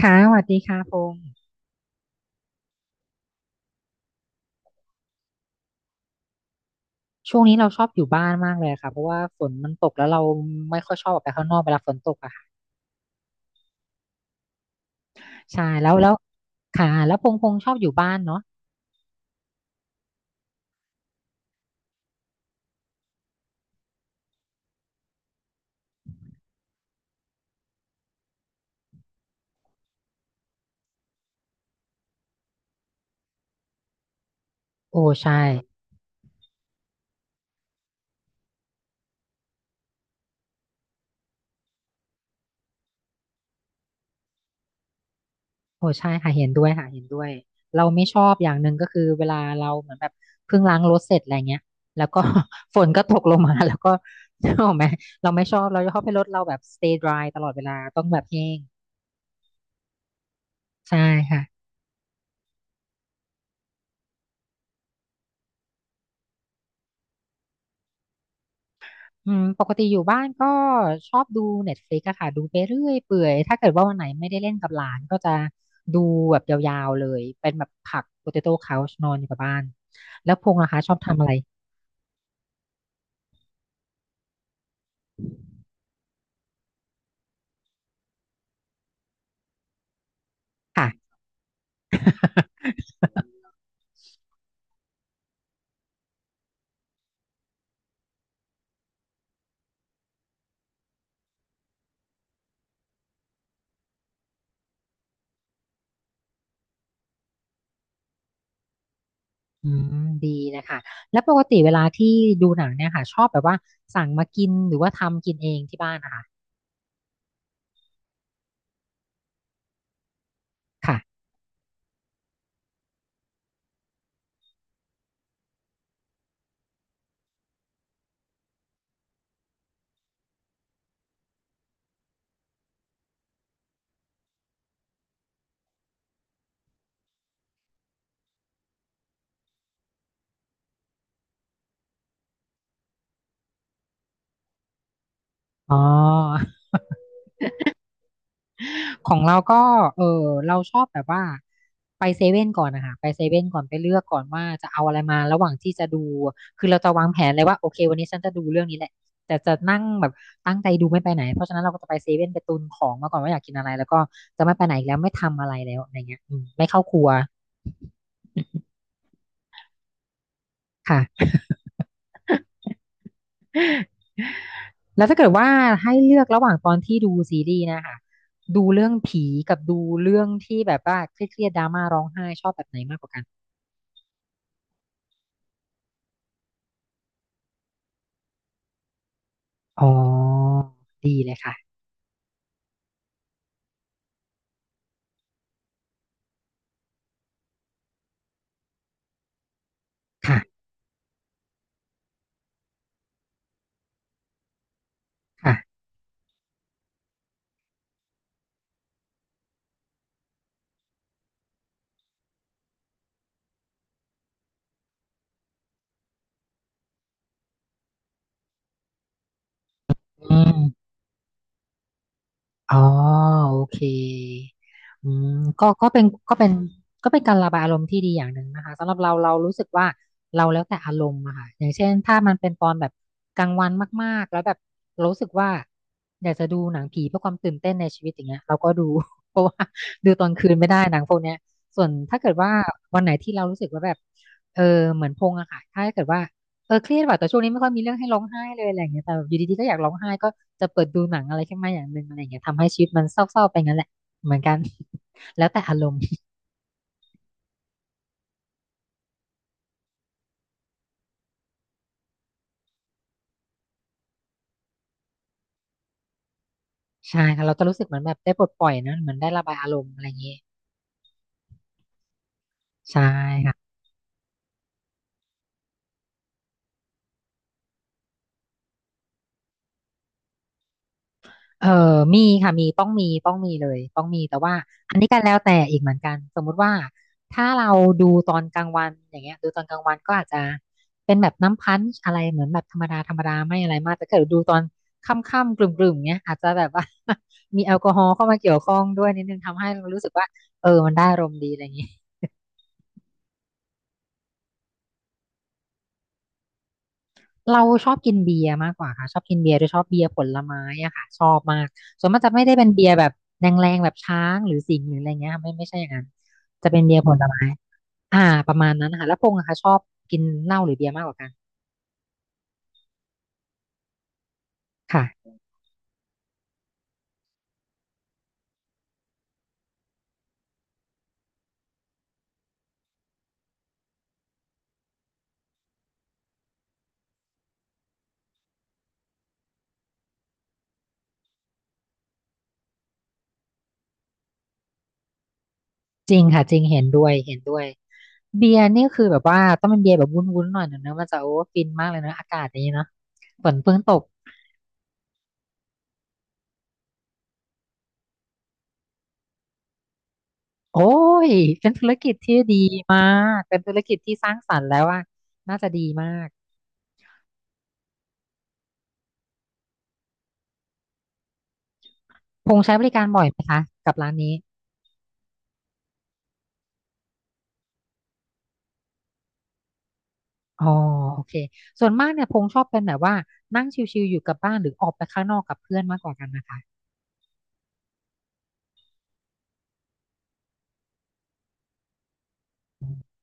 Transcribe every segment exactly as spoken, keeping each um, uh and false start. ค่ะสวัสดีค่ะพงษ์ช่วงนี้เราชอบอยู่บ้านมากเลยค่ะเพราะว่าฝนมันตกแล้วเราไม่ค่อยชอบออกไปข้างนอกเวลาฝนตกอะค่ะใช่แล้วแล้วค่ะแล้วพงษ์พงษ์ชอบอยู่บ้านเนาะโอ้ใช่โอ้ใช่ค่ะเห็นด้วยค่ะเห็นด้วยเราไม่ชอบอย่างหนึ่งก็คือเวลาเราเหมือนแบบเพิ่งล้างรถเสร็จอะไรเงี้ยแล้วก็ ฝนก็ตกลงมาแล้วก็ ถูกไหมเราไม่ชอบเราชอบให้รถเราแบบ stay dry ตลอดเวลาต้องแบบแห้งใช่ค่ะ อืมปกติอยู่บ้านก็ชอบดู Netflix อะค่ะดูไปเรื่อยเปื่อยถ้าเกิดว่าวันไหนไม่ได้เล่นกับหลานก็จะดูแบบยาวๆเลยเป็นแบบผัก Potato Couch นอนอยู่กับบ้านแล้วพงษ์นะคะชอบทำอะไรค่ะอืมดีนะคะแล้วปกติเวลาที่ดูหนังเนี่ยค่ะชอบแบบว่าสั่งมากินหรือว่าทำกินเองที่บ้านนะคะค่ะอ๋อ ของเราก็เออเราชอบแบบว่าไปเซเว่นก่อนนะคะไปเซเว่นก่อนไปเลือกก่อนว่าจะเอาอะไรมาระหว่างที่จะดูคือเราจะวางแผนเลยว่าโอเควันนี้ฉันจะดูเรื่องนี้แหละแต่จะนั่งแบบตั้งใจดูไม่ไปไหนเพราะฉะนั้นเราก็จะไปเซเว่นไปตุนของมาก่อนว่าอยากกินอะไรแล้วก็จะไม่ไปไหนอีกแล้วไม่ทำอะไรแล้วอะไรเงี้ยอืมไม่เข้าครัวค่ะแล้วถ้าเกิดว่าให้เลือกระหว่างตอนที่ดูซีรีส์นะคะดูเรื่องผีกับดูเรื่องที่แบบว่าเครียดๆดราม่าร้องไห้ชอบแบบไหนมากกว่ากันอ๋อดีเลยค่ะ ค่ะค่ะอืมอ๋อโอเคอืมก็ก็เป็นก็เป็นก็เป็นการระบายอารมณ์ที่ดีอย่างหนึ่งนะคะสำหรับเราเรารู้สึกว่าเราแล้วแต่อารมณ์อะค่ะอย่างเช่นถ้ามันเป็นตอนแบบกลางวันมากๆแล้วแบบรู้สึกว่าอยากจะดูหนังผีเพื่อความตื่นเต้นในชีวิตอย่างเงี้ยเราก็ดู เพราะว่าดูตอนคืนไม่ได้หนังพวกเนี้ยส่วนถ้าเกิดว่าวันไหนที่เรารู้สึกว่าแบบเออเหมือนพงอะค่ะถ้าเกิดว่า เออเครียดว่ะแต่ช่วงนี้ไม่ค่อยมีเรื่องให้ร้องไห้เลยอะไรอย่างเงี้ยแต่แบบอยู่ดีๆก็อยากร้องไห้ก็จะเปิดดูหนังอะไรขึ้นมาอย่างหนึ่งอะไรอย่างเงี้ยทำให้ชีวิตมันเศร้าๆไปงั้นแหละเหมือนกัน แล้วแต่อารมณ์ใช่ค่ะเราจะรู้สึกเหมือนแบบได้ปลดปล่อยนะเหมือนได้ระบายอารมณ์อะไรอย่างเงี้ยใช่ค่ะ เออมีค่ะมีต้องมีต้องมีเลยต้องมีแต่ว่าอันนี้ก็แล้วแต่อีกเหมือนกันสมมุติว่าถ้าเราดูตอนกลางวันอย่างเงี้ยดูตอนกลางวันก็อาจจะเป็นแบบน้ำพันช์อะไรเหมือนแบบธรรมดาธรรมดาไม่อะไรมากแต่ถ้าเกิดดูตอนค่ำๆกลุ่มๆเงี้ยอาจจะแบบว่า มีแอลกอฮอล์เข้ามาเกี่ยวข้องด้วยนิดนึงทำให้รู้สึกว่าเออมันได้อารมณ์ดีอะไรอย่างงี้ เราชอบกินเบียร์มากกว่าค่ะชอบกินเบียร์โดยชอบเบียร์ผลไม้อะค่ะชอบมากส่วนมากจะไม่ได้เป็นเบียร์แบบแรงๆแบบช้างหรือสิงห์หรืออะไรเงี้ยค่ะไม่ไม่ใช่อย่างนั้นจะเป็นเบียร์ผลไม้อ่าประมาณนั้นค่ะแล้วพงษ์อะค่ะชอบกินเหล้าหรือเบียร์มากกว่ากันค่ะจริงค่ะจริงเห็นด้วยเห็นด้วยเบียร์นี่คือแบบว่าต้องเป็นเบียร์แบบวุ้นๆหน่อยหนึ่งนะมันจะโอ้ฟินมากเลยเนอะอากาศอย่างนี้เนาะฝนเพิ่งตกโอ้ยเป็นธุรกิจที่ดีมากเป็นธุรกิจที่สร้างสรรค์แล้วว่าน่าจะดีมาก พงษ์ใช้บริการบ่อยไหมคะกับร้านนี้อ๋อโอเค ส่วนมากเนี่ยพงษ์ชอบเป็นแบบว่านั่งชิลๆอยู่กับบ้านหรือออกไปข้างนอกกับเพื่อนมากกว่ากันนะคะอืม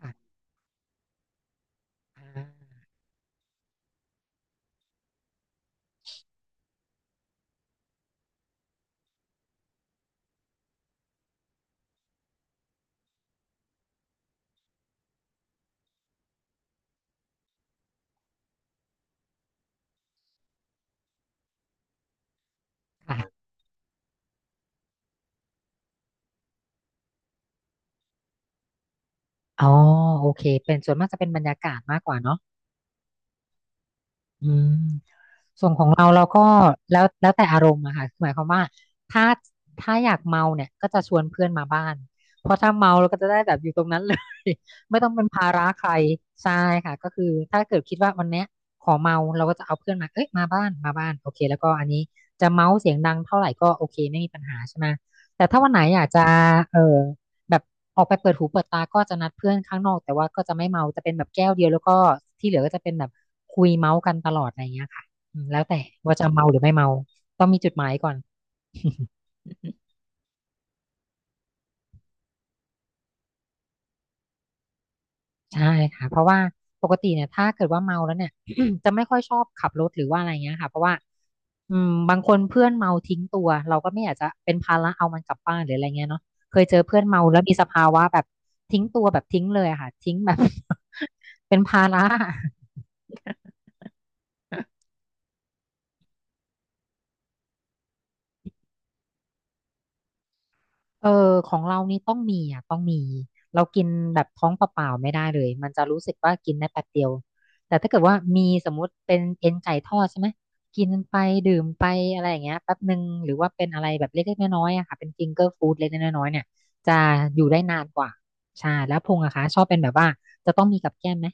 ค่ะอ่าค่ะอ๋อโอเคเป็นส่วนมากจะเป็นบรรยากาศมากกว่าเนาะ อืมส่วนของเราเราก็แล้วแล้วแต่อารมณ์อะค่ะหมายความว่าถ้าถ้าอยากเมาเนี่ยก็จะชวนเพื่อนมาบ้านเพราะถ้าเมาเราก็จะได้แบบอยู่ตรงนั้นเลย ไม่ต้องเป็นภาระใครใช่ค่ะก็คือถ้าเกิดคิดว่าวันเนี้ยขอเมาเราก็จะเอาเพื่อนมาเอ้ยมาบ้านมาบ้านโอเคแล้วก็อันนี้จะเมาเสียงดังเท่าไหร่ก็โอเคไม่มีปัญหาใช่ไหมแต่ถ้าวันไหนอยากจะเออ แบบออกไปเปิดหูเปิดตาก็จะนัดเพื่อนข้างนอกแต่ว่าก็จะไม่เมาจะเป็นแบบแก้วเดียวแล้วก็ที่เหลือก็จะเป็นแบบคุยเมาส์กันตลอดอะไรเงี้ยค่ะอืมแล้วแต่ว่าจะเมาหรือไม่เมาต้องมีจุดหมายก่อน ใช่ค่ะเพราะว่าปกติเนี่ยถ้าเกิดว่าเมาแล้วเนี่ย จะไม่ค่อยชอบขับรถหรือว่าอะไรเงี้ยค่ะเพราะว่าอืมบางคนเพื่อนเมาทิ้งตัวเราก็ไม่อยากจะเป็นภาระเอามันกลับบ้านหรืออะไรเงี้ยเนาะเคยเจอเพื่อนเมาแล้วมีสภาวะแบบทิ้งตัวแบบทิ้งเลยอะค่ะทิ้งแบบ เป็นภาระ เออของเรานี่ต้องมีอ่ะต้องมีเรากินแบบท้องเปล่าๆไม่ได้เลยมันจะรู้สึกว่ากินได้แป๊บเดียวแต่ถ้าเกิดว่ามีสมมุติเป็นเอ็นไก่ทอดใช่ไหมกินไปดื่มไปอะไรอย่างเงี้ยแป๊บหนึ่งหรือว่าเป็นอะไรแบบเล็กๆน้อยๆอะค่ะเป็นฟิงเกอร์ฟู้ดเล็กๆน้อยๆเนี่ยจะอยู่ได้นานกว่าใช่แล้วพงอะคะชอบเป็นแบบว่าจะต้องมีกับแก้มไหม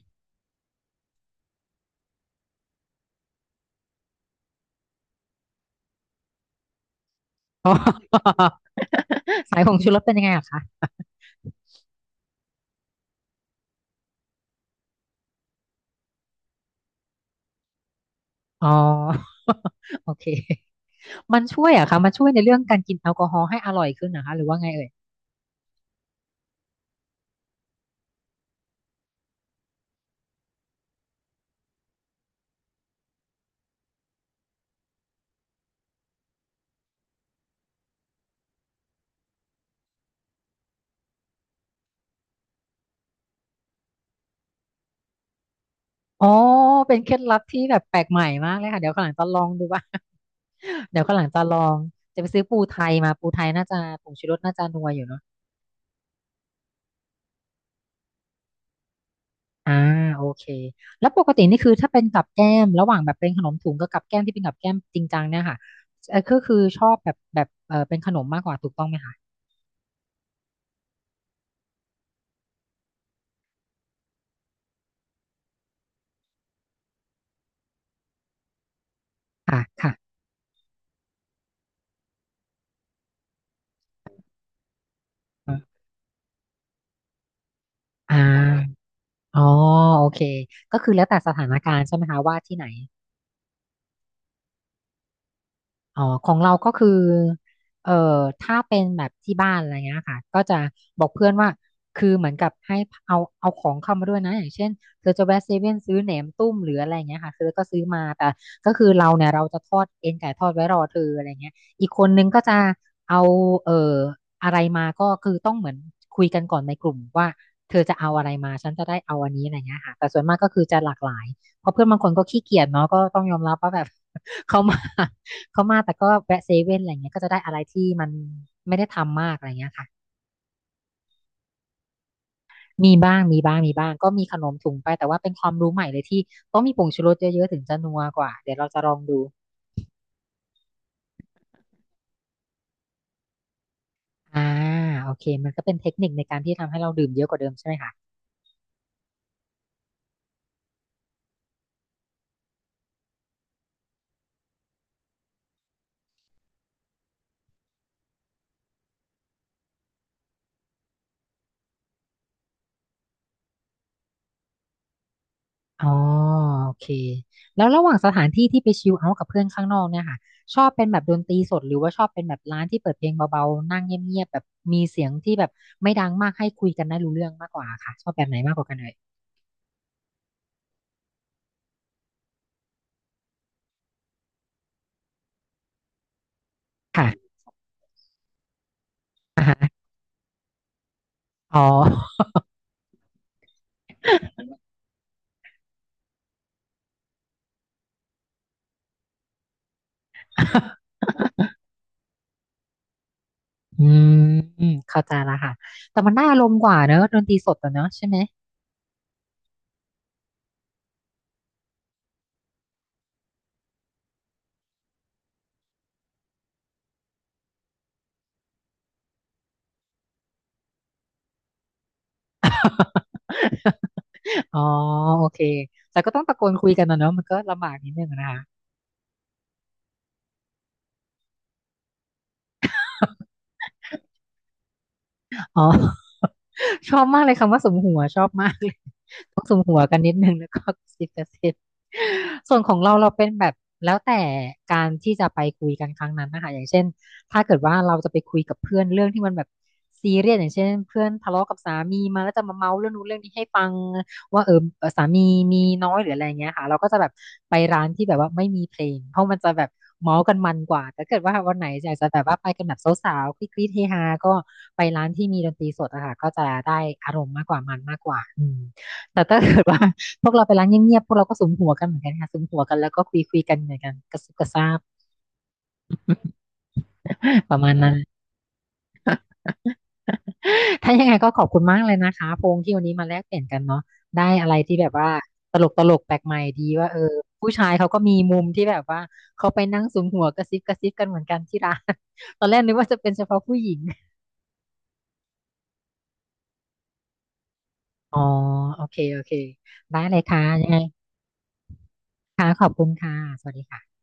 อ๋อ สายของชูรสเป็นยังไงอะคะอ๋อ โอเคมันช่วยอะคะมันช่วยในเรื่องการกินแอลกอฮอล์ให้อร่อยขึ้นนะคะหรือว่าไงเอ่ย อ๋อเป็นเคล็ดลับที่แบบแปลกใหม่มากเลยค่ะเดี๋ยวข้างหลังจะลองดูว่า เดี๋ยวข้างหลังจะลองจะไปซื้อปูไทยมาปูไทยน่าจะผงชูรสน่าจะนัวอยู่เนาะอ่าโอเคแล้วปกตินี่คือถ้าเป็นกับแก้มระหว่างแบบเป็นขนมถุงกับกับแก้มที่เป็นกับแก้มจริงจังเนี่ยค่ะเออก็คือชอบแบบแบบเออเป็นขนมมากกว่าถูกต้องไหมคะค่ะค่ะอ่าอ๋อโอเคก็คือแล้วแต่สถานการณ์ใช่ไหมคะว่าที่ไหน อ๋อของเราก็คือเอ่อถ้าเป็นแบบที่บ้านอะไรเงี้ยค่ะก็จะบอกเพื่อนว่า คือเหมือนกับให้เอาเอาของเข้ามาด้วยนะอย่างเช่นเธอจะแวะเซเว่นซื้อแหนมตุ้มหรืออะไรเงี้ยค่ะเธอก็ซื้อมาแต่ก็คือเราเนี่ยเราจะทอดเอ็นไก่ทอดไว้รอเธออะไรเงี้ยอีกคนนึงก็จะเอาเอ่ออะไรมาก็คือต้องเหมือนคุยกันก่อนในกลุ่มว่าเธอจะเอาอะไรมาฉันจะได้เอาอันนี้อะไรเงี้ยค่ะแต่ส่วนมากก็คือจะหลากหลายเพราะเพื่อนบางคนก็ขี้เกียจเนาะก็ต้องยอมรับว่าแบบ เขามา เขามาแต่ก็แวะเซเว่นอะไรเงี้ยก็จะได้อะไรที่มันไม่ได้ทำมากอะไรเงี้ยค่ะมีบ้างมีบ้างมีบ้างก็มีขนมถุงไปแต่ว่าเป็นความรู้ใหม่เลยที่ต้องมีผงชูรสเยอะๆถึงจะนัวกว่าเดี๋ยวเราจะลองดูอ่าโอเคมันก็เป็นเทคนิคในการที่ทำให้เราดื่มเยอะกว่าเดิมใช่ไหมคะอ๋อโอเคแล้วระหว่างสถานที่ที่ไปชิลเอาท์กับเพื่อนข้างนอกเนี่ยค่ะชอบเป็นแบบดนตรีสดหรือว่าชอบเป็นแบบร้านที่เปิดเพลงเบาๆนั่งเงียบๆแบบมีเสียงที่แบบไม่ดังมากให้คุยกันได้รู้เรื่องมากกว่าค่ะชอบแบบไหนมากกว่ากันเลยค่ะอ๋อ อืมเข้าใจละค่ะแต่มันได้อารมณ์กว่าเนอะดนตรีสดอะเนอะใช่ไหม อ๋อโอเคแต่ก็ต้องตะโกนคุยกันนะเนอะมันก็ลำบากนิดนึงนะคะอ๋อ ชอบมากเลยคำว่าสุมหัวชอบมากเลยต้องสุมหัวกันนิดนึงแล้วก็กระซิบกระซิบส่วนของเราเราเป็นแบบแล้วแต่การที่จะไปคุยกันครั้งนั้นนะคะอย่างเช่นถ้าเกิดว่าเราจะไปคุยกับเพื่อนเรื่องที่มันแบบซีเรียสอย่างเช่นเพื่อนทะเลาะกับสามีมาแล้วจะมาเมาเรื่องนู้นเรื่องนี้ให้ฟัง ว่าเออเอ่อสามีมีน้อยหรืออะไรเงี้ยค่ะเราก็จะแบบไปร้านที่แบบว่าไม่มีเพลงเพราะมันจะแบบเมาส์กันมันกว่าแต่เกิดว่าวันไหนอยากจะแบบว่าไปกันแบบสาวๆคลิกๆเฮฮาก็ไปร้านที่มีดนตรีสดอะค่ะก็จะได้อารมณ์มากกว่ามันมากกว่าอืมแต่ถ้าเกิดว่า พวกเราไปร้านเงียบๆพวกเราก็สุมหัวกันเหมือนกันค่ะสุมหัวกันแล้วก็คุยๆกันเหมือนกันกระซุบกระซาบ ประมาณนั้น ถ้ายังไงก็ขอบคุณมากเลยนะคะพงษ์ที่วันนี้มาแลกเปลี่ยนกันเนาะได้อะไรที่แบบว่าตลกตลกแปลกใหม่ดีว่าเออผู้ชายเขาก็มีมุมที่แบบว่าเขาไปนั่งสุมหัวกระซิบกระซิบกันเหมือนกันที่ร้าน ตอนแรกนึกว่าจะเป็นเฉพาะผู้หญิงอ๋อโอเคโอเคได้เลยค่ะยังไงค่ะขอบคุณค่ะสวัสดีค่ะ